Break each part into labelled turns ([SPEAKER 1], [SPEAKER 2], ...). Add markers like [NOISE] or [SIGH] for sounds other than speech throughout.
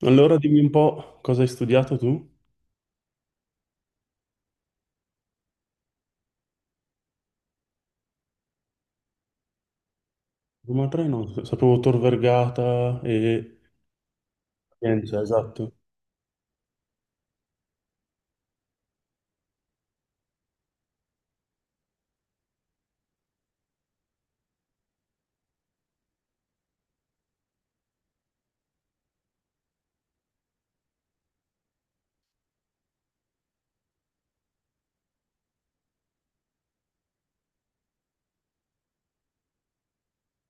[SPEAKER 1] Allora dimmi un po' cosa hai studiato tu? Roma 3 no, sapevo Tor Vergata e Pienza, esatto.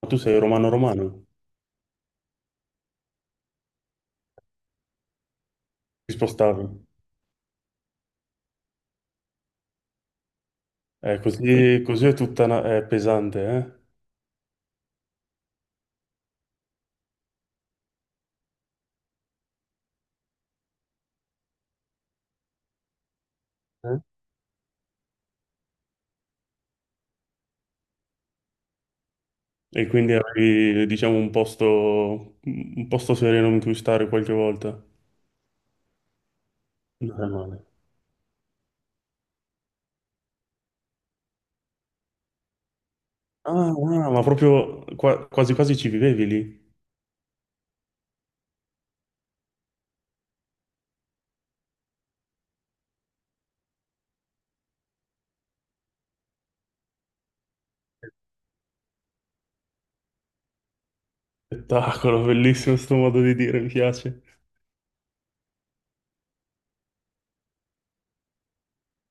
[SPEAKER 1] Ma tu sei romano-romano, ti spostavi. Così, è tutta una- è pesante, eh? E quindi avevi, diciamo, un posto sereno in cui stare qualche volta. Non è male. Ah, ah, ma proprio qua- quasi quasi ci vivevi lì. Spettacolo, bellissimo sto modo di dire, mi piace.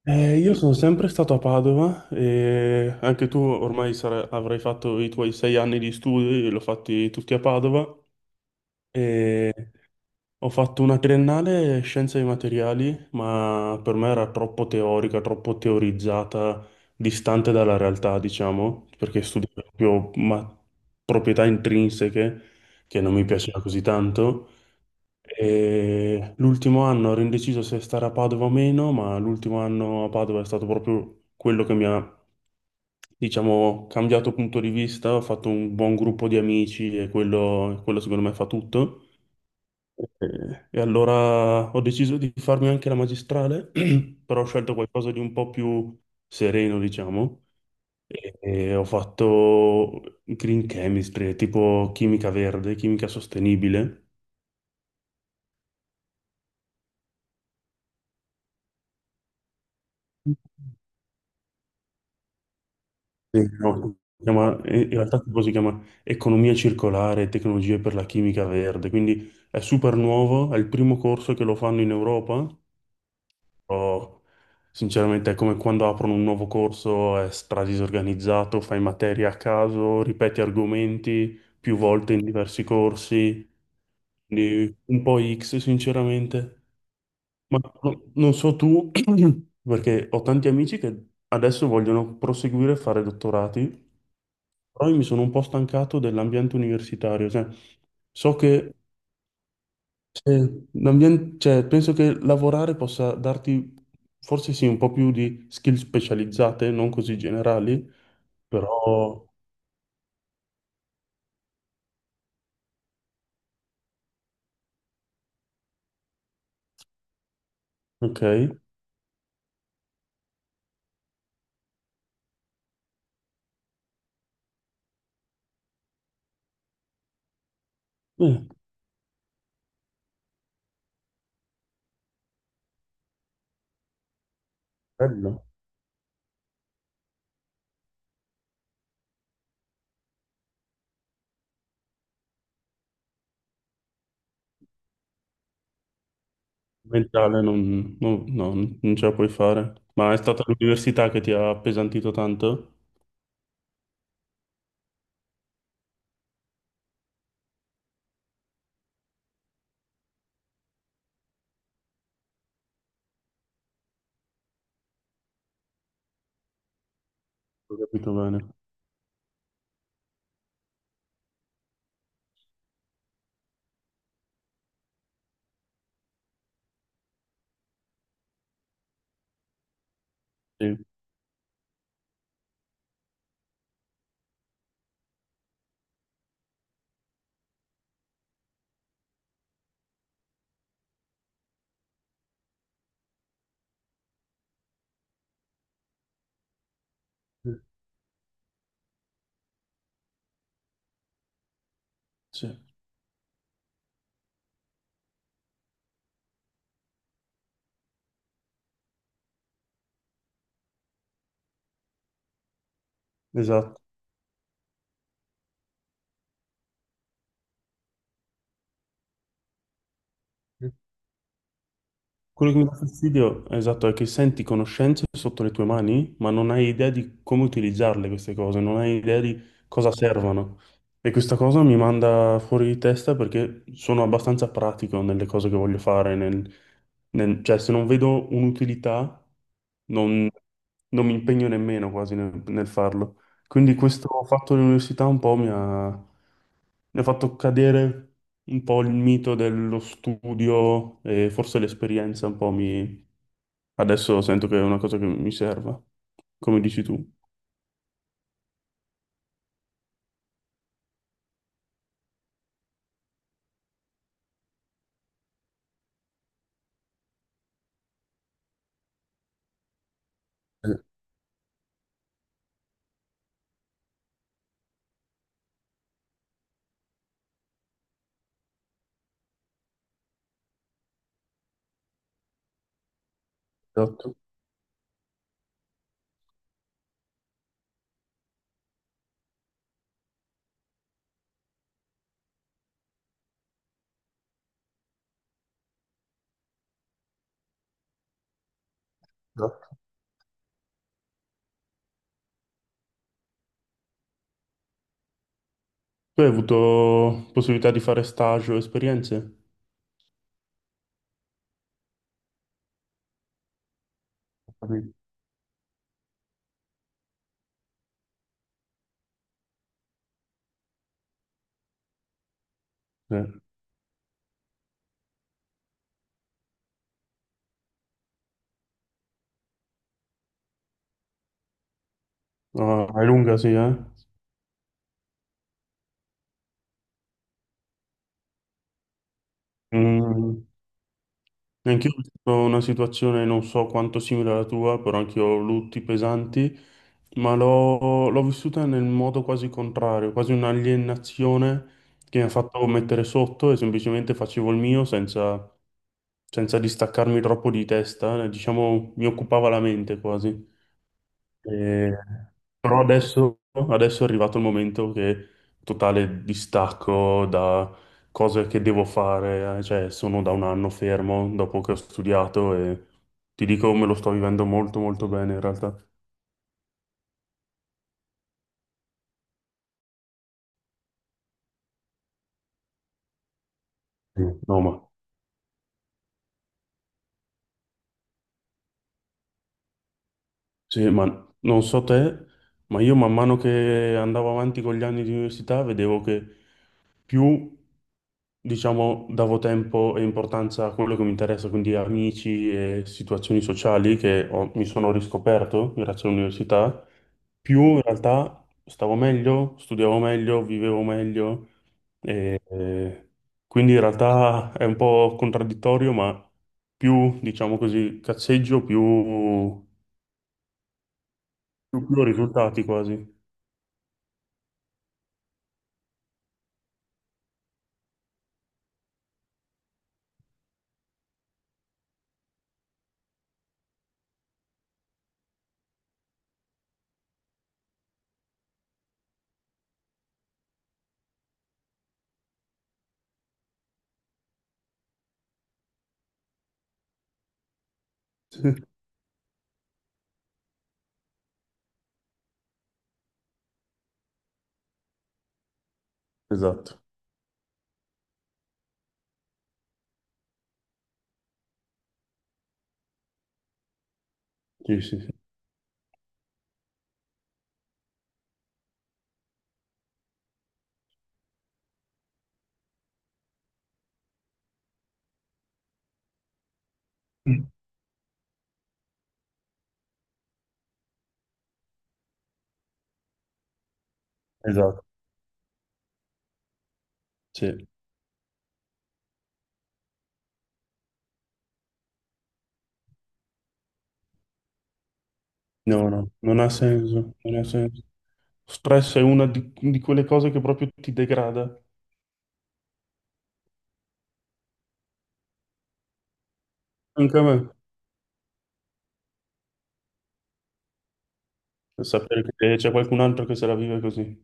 [SPEAKER 1] Io sono sempre stato a Padova e anche tu ormai sarai- avrai fatto i tuoi sei anni di studi, l'ho fatti tutti a Padova e ho fatto una triennale scienze dei materiali, ma per me era troppo teorica, troppo teorizzata, distante dalla realtà, diciamo, perché studiavo proprio ma- proprietà intrinseche che non mi piaceva così tanto. E l'ultimo anno ero indeciso se stare a Padova o meno, ma l'ultimo anno a Padova è stato proprio quello che mi ha, diciamo, cambiato punto di vista. Ho fatto un buon gruppo di amici e quello secondo me fa tutto. E allora ho deciso di farmi anche la magistrale, [CLEARS THROAT] però ho scelto qualcosa di un po' più sereno, diciamo. E ho fatto green chemistry, tipo chimica verde, chimica sostenibile. Sì. No, si chiama- in realtà tipo si chiama Economia circolare e tecnologie per la chimica verde, quindi è super nuovo, è il primo corso che lo fanno in Europa, però sinceramente è come quando aprono un nuovo corso, è stradisorganizzato, fai materia a caso, ripeti argomenti più volte in diversi corsi, quindi un po' X sinceramente. Ma no- non so tu, [CLEARS THROAT] perché ho tanti amici che adesso vogliono proseguire a fare dottorati, però io mi sono un po' stancato dell'ambiente universitario, cioè so che se l'ambien- cioè, penso che lavorare possa darti forse sì un po' più di skill specializzate, non così generali, però ok. Bello, mentale non, non- no, non ce la puoi fare, ma è stata l'università che ti ha appesantito tanto? Ho capito bene. Sì, sì, esatto. Quello che mi dà fastidio, esatto, è che senti conoscenze sotto le tue mani, ma non hai idea di come utilizzarle queste cose, non hai idea di cosa servono. E questa cosa mi manda fuori di testa perché sono abbastanza pratico nelle cose che voglio fare, nel- nel- cioè se non vedo un'utilità non, non mi impegno nemmeno quasi nel farlo. Quindi questo fatto dell'università un po' mi ha fatto cadere un po' il mito dello studio e forse l'esperienza un po' mi... Adesso sento che è una cosa che mi serva, come dici tu. Eh, Esatto, esatto. Tu hai avuto possibilità di fare stage o esperienze? Ho capito. Sì. Ah, è lunga, sì, eh? Mm. Anch'io ho vissuto una situazione non so quanto simile alla tua, però anch'io ho lutti pesanti, ma l'ho vissuta nel modo quasi contrario, quasi un'alienazione che mi ha fatto mettere sotto e semplicemente facevo il mio senza, senza distaccarmi troppo di testa, diciamo mi occupava la mente quasi. Eh, però adesso, adesso è arrivato il momento che totale distacco da cose che devo fare, cioè sono da un anno fermo dopo che ho studiato e ti dico me lo sto vivendo molto molto bene in realtà. Mm. No, ma, sì, ma non so te, ma io man mano che andavo avanti con gli anni di università vedevo che più, diciamo, davo tempo e importanza a quello che mi interessa, quindi amici e situazioni sociali che ho- mi sono riscoperto grazie all'università, più in realtà stavo meglio, studiavo meglio, vivevo meglio, e quindi in realtà è un po' contraddittorio, ma più, diciamo così, cazzeggio, più risultati quasi. [LAUGHS] Esatto, sì, sì, sì. Mm. Esatto, sì. No, no, non ha senso, non ha senso. Stress è una di quelle cose che proprio ti degrada. Anche a me. E sapere che c'è qualcun altro che se la vive così.